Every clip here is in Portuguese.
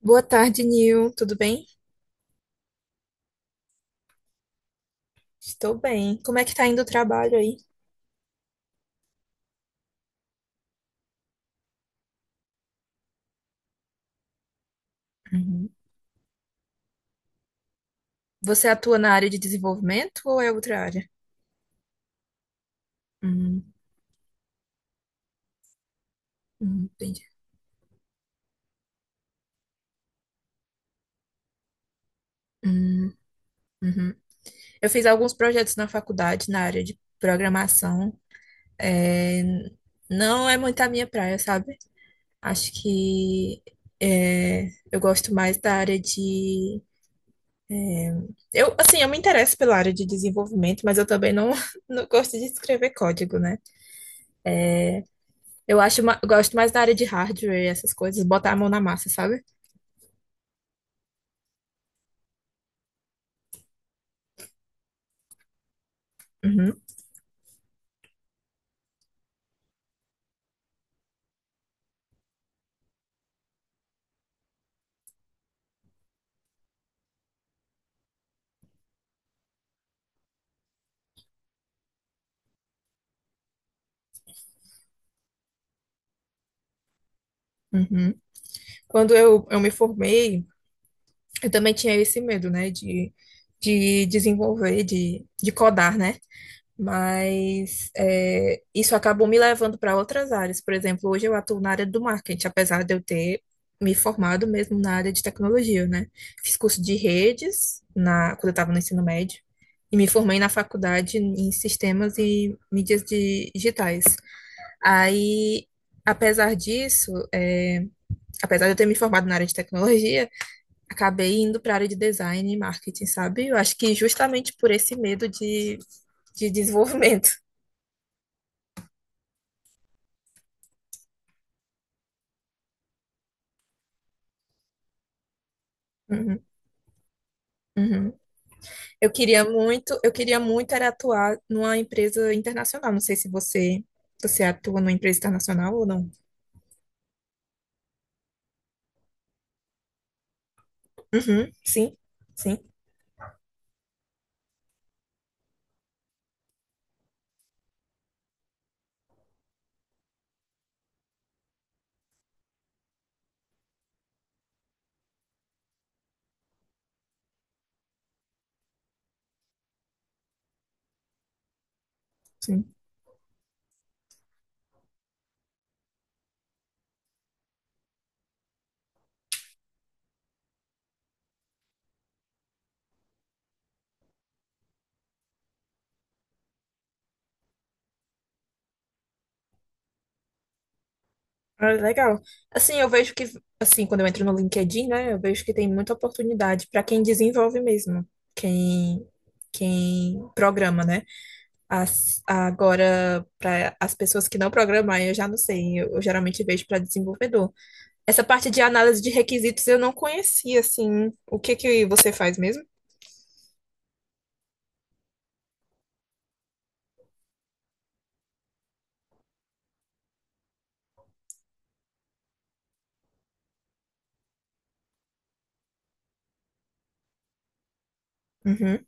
Boa tarde, Nil. Tudo bem? Estou bem. Como é que tá indo o trabalho aí? Uhum. Você atua na área de desenvolvimento ou é outra área? Hum, entendi. Hum, uhum. Eu fiz alguns projetos na faculdade na área de programação. É, não é muito a minha praia, sabe? Acho que é, eu gosto mais da área de. Eu, assim, eu me interesso pela área de desenvolvimento, mas eu também não, não gosto de escrever código, né? Eu acho, eu gosto mais da área de hardware e essas coisas, botar a mão na massa, sabe? Uhum, uhum. Quando eu me formei, eu também tinha esse medo, né, de desenvolver, de codar, né? Mas isso acabou me levando para outras áreas. Por exemplo, hoje eu atuo na área do marketing, apesar de eu ter me formado mesmo na área de tecnologia, né? Fiz curso de redes quando eu estava no ensino médio e me formei na faculdade em sistemas e mídias digitais. Aí, apesar disso, apesar de eu ter me formado na área de tecnologia, acabei indo para a área de design e marketing, sabe? Eu acho que justamente por esse medo de desenvolvimento. Uhum, uhum. Eu queria muito era atuar numa empresa internacional. Não sei se você atua numa empresa internacional ou não. Uhum, sim, sim. Sim. Ah, legal. Assim, eu vejo que, assim, quando eu entro no LinkedIn, né, eu vejo que tem muita oportunidade para quem desenvolve mesmo, quem, quem programa, né? Agora, para as pessoas que não programam, aí eu já não sei, eu geralmente vejo para desenvolvedor. Essa parte de análise de requisitos eu não conhecia, assim, o que que você faz mesmo? Uhum.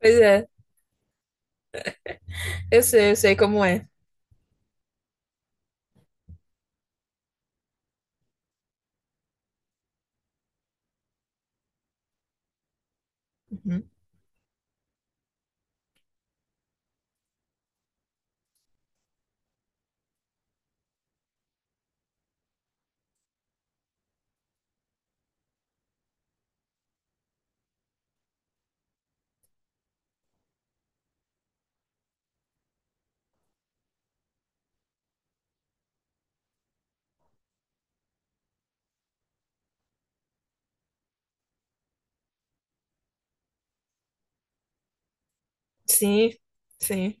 Pois é, eu sei como é. Uhum. Sim, sim,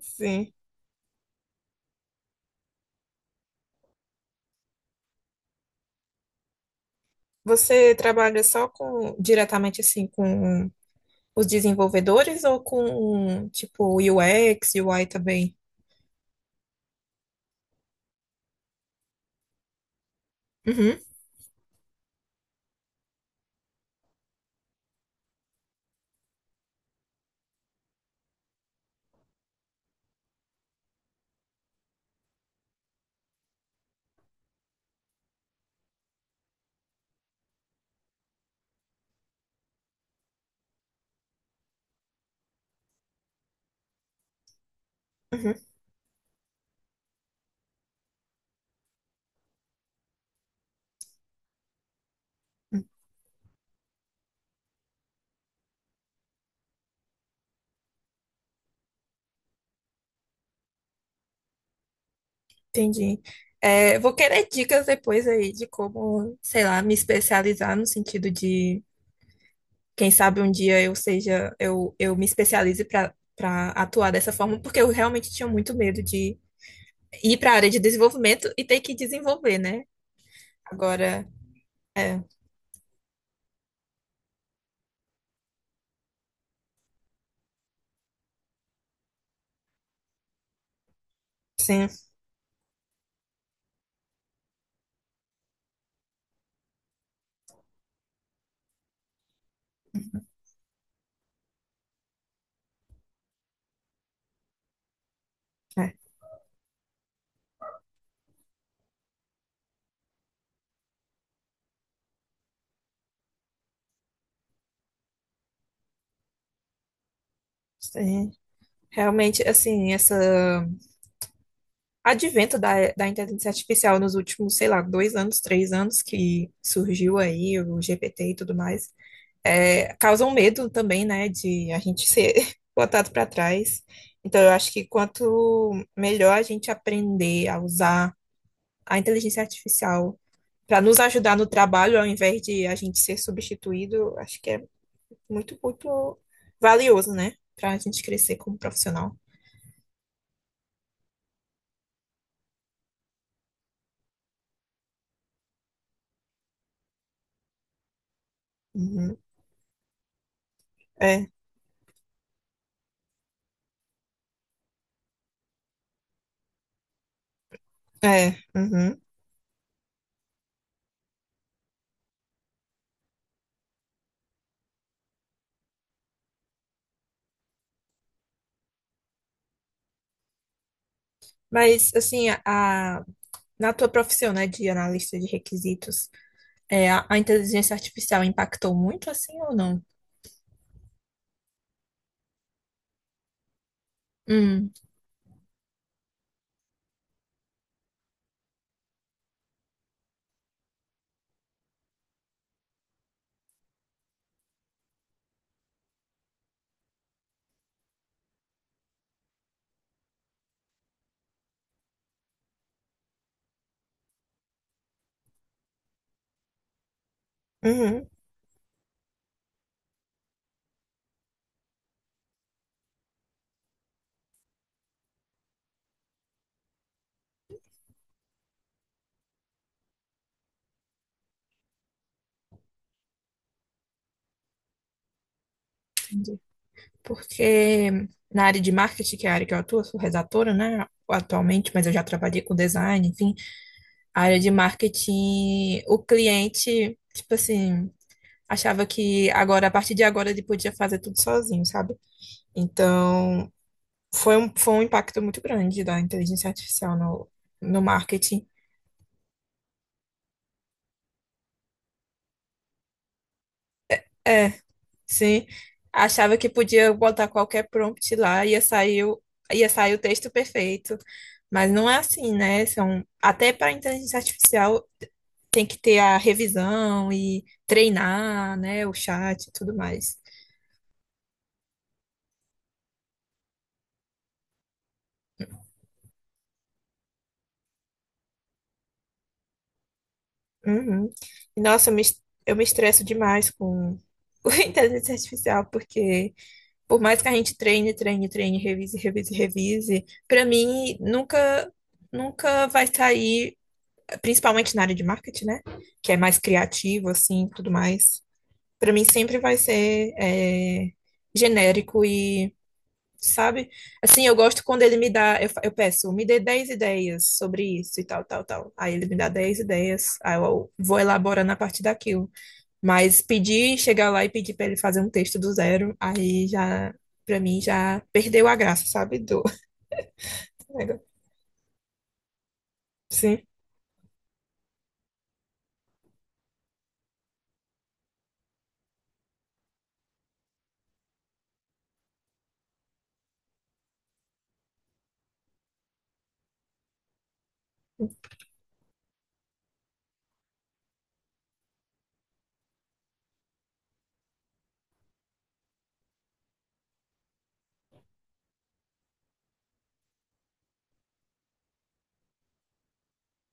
sim. Você trabalha só com diretamente assim com os desenvolvedores ou com tipo UX, UI também? Uhum. Uhum, entendi. É, eu vou querer dicas depois aí de como, sei lá, me especializar no sentido de, quem sabe um dia eu seja, eu me especialize para atuar dessa forma, porque eu realmente tinha muito medo de ir para a área de desenvolvimento e ter que desenvolver, né? Agora, é, sim, é, sim. Realmente, assim, essa advento da inteligência artificial nos últimos, sei lá, 2 anos, 3 anos que surgiu aí o GPT e tudo mais, causa um medo também, né, de a gente ser botado para trás. Então, eu acho que quanto melhor a gente aprender a usar a inteligência artificial para nos ajudar no trabalho, ao invés de a gente ser substituído, acho que é muito, muito valioso, né, para a gente crescer como profissional. Uhum. É, é, uhum. Mas assim, a- na tua profissão, né, de analista de requisitos, a inteligência artificial impactou muito assim ou não? Hum, uhum, entendi. Porque na área de marketing, que é a área que eu atuo, eu sou redatora, né, atualmente, mas eu já trabalhei com design, enfim. A área de marketing, o cliente, tipo assim, achava que agora, a partir de agora, ele podia fazer tudo sozinho, sabe? Então, foi um impacto muito grande da inteligência artificial no marketing. É, sim. Achava que podia botar qualquer prompt lá, ia sair o texto perfeito. Mas não é assim, né? São, até para inteligência artificial tem que ter a revisão e treinar, né, o chat e tudo mais. Uhum. E nossa, eu me estresso demais com, com a inteligência artificial, porque por mais que a gente treine, treine, treine, revise, revise, revise, pra mim nunca, nunca vai sair, principalmente na área de marketing, né? Que é mais criativo, assim, tudo mais. Pra mim sempre vai ser genérico, sabe? Assim, eu gosto quando ele me dá, eu peço, me dê 10 ideias sobre isso e tal, tal, tal. Aí ele me dá 10 ideias, aí eu vou elaborando a partir daquilo. Mas pedir, chegar lá e pedir para ele fazer um texto do zero, aí já, para mim, já perdeu a graça, sabe? Do... Sim.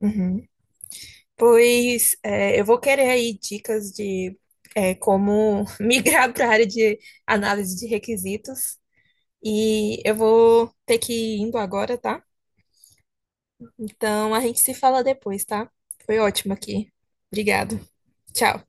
Uhum. Pois é, eu vou querer aí dicas de como migrar para a área de análise de requisitos. E eu vou ter que ir indo agora, tá? Então, a gente se fala depois, tá? Foi ótimo aqui. Obrigado. Tchau.